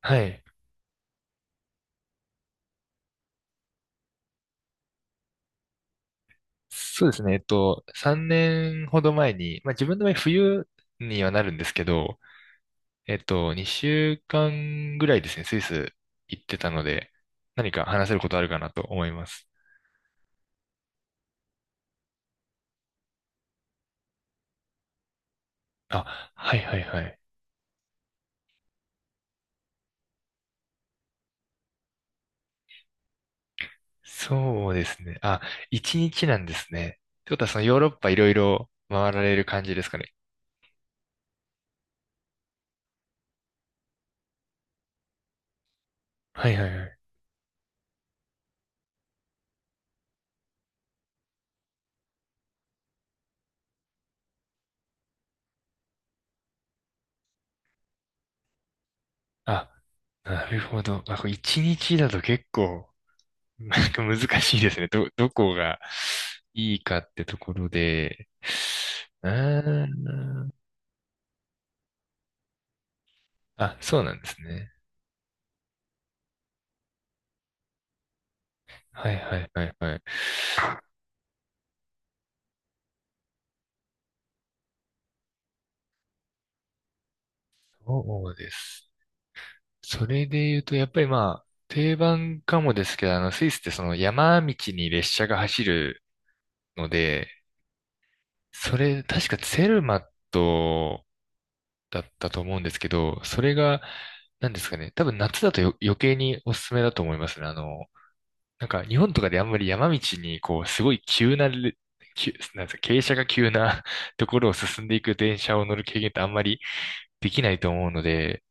はい。そうですね。3年ほど前に、まあ自分の場合冬にはなるんですけど、2週間ぐらいですね、スイス行ってたので、何か話せることあるかなと思います。あ、はいはいはい。そうですね。あ、1日なんですね。ってことはそのヨーロッパいろいろ回られる感じですかね。はいはいはい。あ、なるほど。あ、これ1日だと結構 なんか難しいですね。どこがいいかってところで。うーん。あ、そうなんですね。はいはいはいはい。そうです。それで言うと、やっぱりまあ、定番かもですけど、スイスってその山道に列車が走るので、それ、確かツェルマットだったと思うんですけど、それが、なんですかね。多分夏だと余計におすすめだと思いますね。なんか日本とかであんまり山道にこうすごい急なんですか、傾斜が急な ところを進んでいく電車を乗る経験ってあんまりできないと思うので、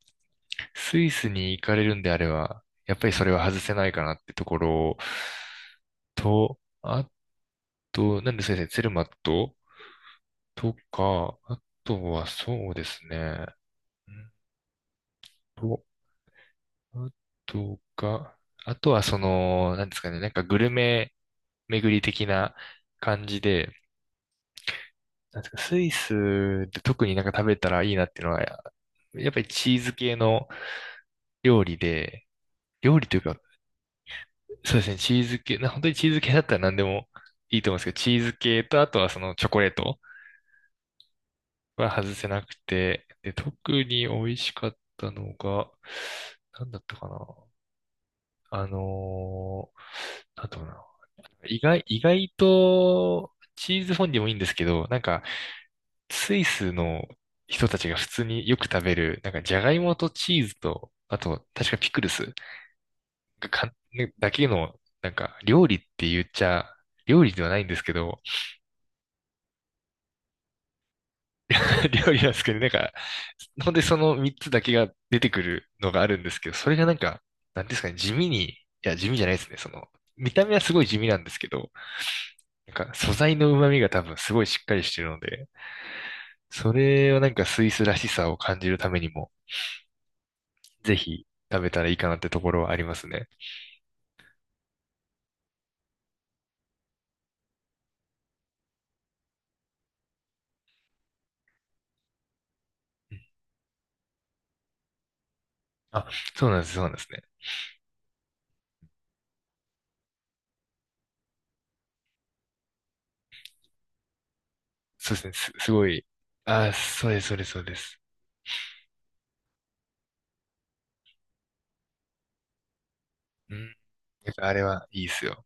スイスに行かれるんであれば、やっぱりそれは外せないかなってところと、と、なんで先生、ツェルマットとか、あとはそうですね。うんと、あとが、あとはその、なんですかね、なんかグルメ巡り的な感じで、なんですか、スイスで特になんか食べたらいいなっていうのは、やっぱりチーズ系の料理で、料理というか、そうですね、チーズ系、本当にチーズ系だったら何でもいいと思うんですけど、チーズ系と、あとはそのチョコレートは外せなくて、で、特に美味しかったのが、なんだったかな。あのなんだったかな。意外と、チーズフォンデュもいいんですけど、なんか、スイスの人たちが普通によく食べる、なんかジャガイモとチーズと、あと、確かピクルスがかねだけの、なんか料理って言っちゃ、料理ではないんですけど、料理なんですけど、なんか、ほんでその3つだけが出てくるのがあるんですけど、それがなんか、なんですかね、地味に、いや、地味じゃないですね、その、見た目はすごい地味なんですけど、なんか素材の旨味が多分すごいしっかりしてるので、それはなんかスイスらしさを感じるためにも、ぜひ食べたらいいかなってところはありますね。うん、あ、そうなんです、そうなんですね。すごい。あ、そうです、そうです、そうです。うん、やっぱあれはいいですよ。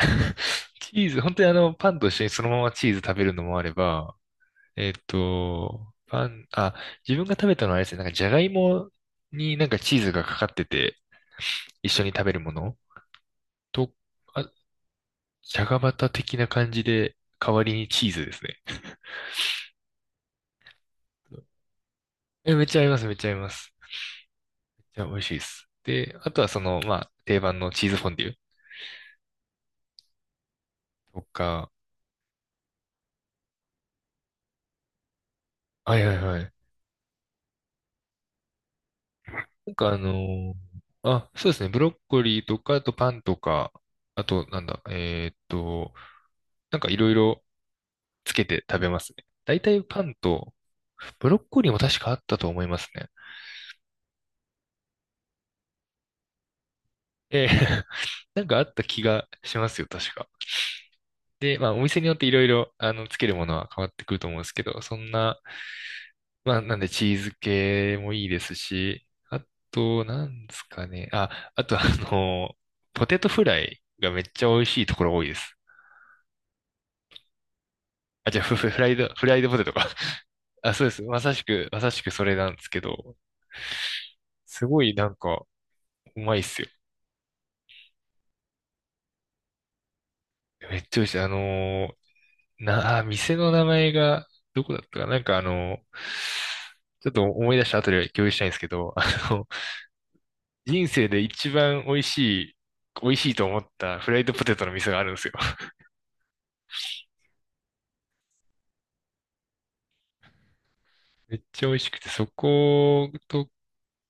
チーズ、本当にパンと一緒にそのままチーズ食べるのもあれば、えっと、パン、あ、自分が食べたのはあれですね、なんかじゃがいもになんかチーズがかかってて、一緒に食べるものと、あ、じゃがバタ的な感じで、代わりにチーズですね。え、めっちゃ合います、めっちゃ合います。じゃあ美味しいです。で、あとはその、まあ、定番のチーズフォンデュとか、はいはいはい。なんかあのーあ、そうですね、ブロッコリーとか、あとパンとか、あとなんだ、えーっと、なんかいろいろつけて食べますね。大体パンと、ブロッコリーも確かあったと思いますね。ええ なんかあった気がしますよ、確か。で、まあお店によっていろいろ、つけるものは変わってくると思うんですけど、そんな、まあ、なんでチーズ系もいいですし、あと、なんですかね。あ、あと、あの、ポテトフライがめっちゃ美味しいところ多いです。あ、じゃあ、フ、フフライド、フライドポテトか。あ、そうです。まさしくそれなんですけど、すごいなんか、うまいっすよ。めっちゃ美味しい。あのーな、あ、店の名前が、どこだったかな。ちょっと思い出した後で共有したいんですけど、の、人生で一番美味しい、美味しいと思ったフライドポテトの店があるんですよ。めっちゃ美味しくて、そこと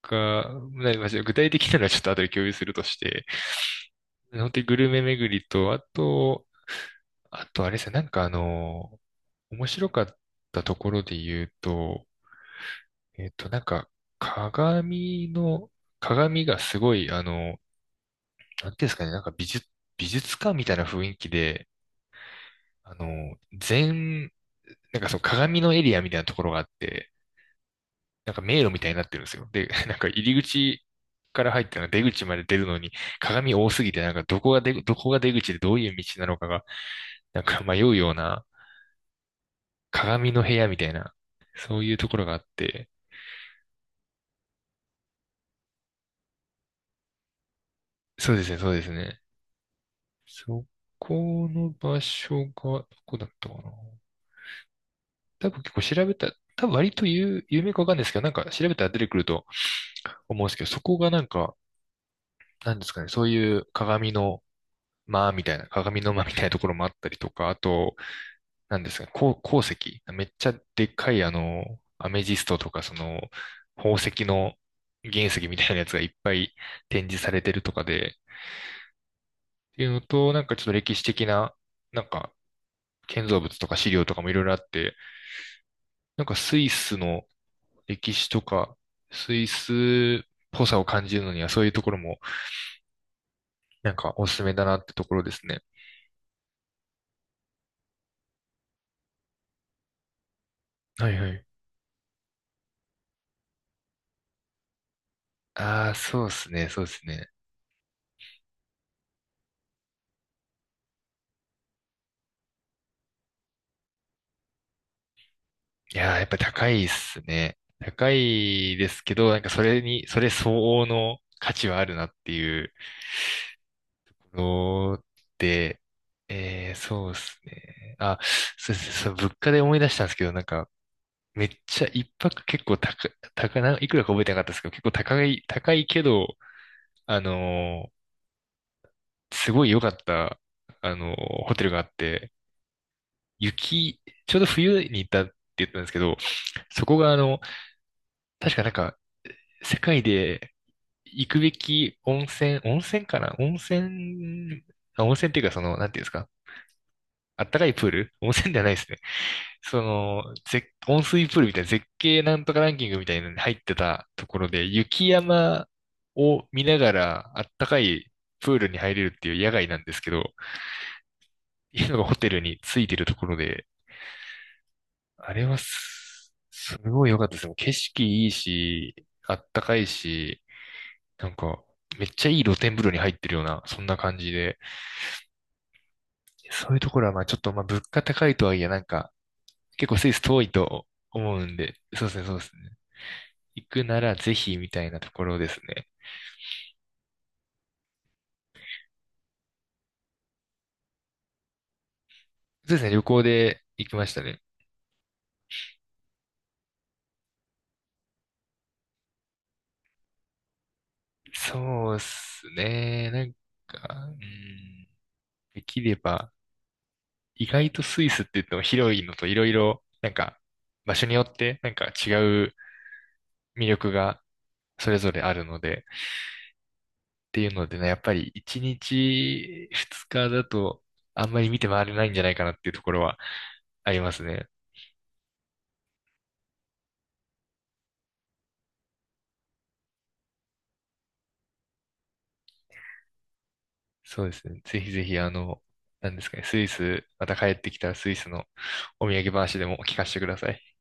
か、まあ具体的なのはちょっと後で共有するとして、本当にグルメ巡りと、あと、あとあれですよ面白かったところで言うと、えっと、なんか、鏡の、鏡がすごい、なんていうんですかね、美術館みたいな雰囲気で、あの、全、なんかその鏡のエリアみたいなところがあって、なんか迷路みたいになってるんですよ。で、なんか入り口から入っての出口まで出るのに鏡多すぎて、どこが出口でどういう道なのかが、なんか迷うような鏡の部屋みたいな、そういうところがあって、そうですね、そうですね。そこの場所が、どこだったかな。多分結構調べた、多分割と有名かわかんないですけど、なんか調べたら出てくると思うんですけど、そこがなんか、なんですかね、そういう鏡の間みたいな、鏡の間みたいなところもあったりとか、あと、なんですか、鉱石。めっちゃでっかい、アメジストとか、その、宝石の原石みたいなやつがいっぱい展示されてるとかで、っていうのと、なんかちょっと歴史的な、なんか、建造物とか資料とかもいろいろあって、なんかスイスの歴史とか、スイスっぽさを感じるのには、そういうところも、なんかおすすめだなってところですね。はいはい。ああ、そうですね、そうですね。いやー、やっぱり高いっすね。高いですけど、なんかそれに、それ相応の価値はあるなっていうので、えー、そうですね。あ、そうですね。そう、物価で思い出したんですけど、なんか、めっちゃ一泊結構高、高な、いくらか覚えてなかったですけど、結構高い、高いけど、あのーすごい良かった、ホテルがあって、雪、ちょうど冬に行ったって言ったんですけど、そこがあの、確かなんか、世界で行くべき温泉、温泉かな温泉、あ温泉っていうかその、なんていうんですかあったかいプール温泉ではないですね。その、温水プールみたいな絶景なんとかランキングみたいなのに入ってたところで、雪山を見ながらあったかいプールに入れるっていう野外なんですけど、いうのがホテルについてるところで、あれはす、すごい良かったです。もう景色いいし、あったかいし、なんか、めっちゃいい露天風呂に入ってるような、そんな感じで、そういうところは、まあちょっと、まあ物価高いとはいえ、なんか、結構スイス遠いと思うんで、そうですね、そうですね。行くならぜひみたいなところですね。そうですね、旅行で行きましたね。そうですね、なんか、うん、できれば、意外とスイスって言っても広いのといろいろ、なんか、場所によって、なんか違う魅力がそれぞれあるので、っていうのでね、やっぱり1日2日だとあんまり見て回れないんじゃないかなっていうところはありますね。そうですね。ぜひぜひあの、なんですかね、スイス、また帰ってきたらスイスのお土産話でも聞かせてください。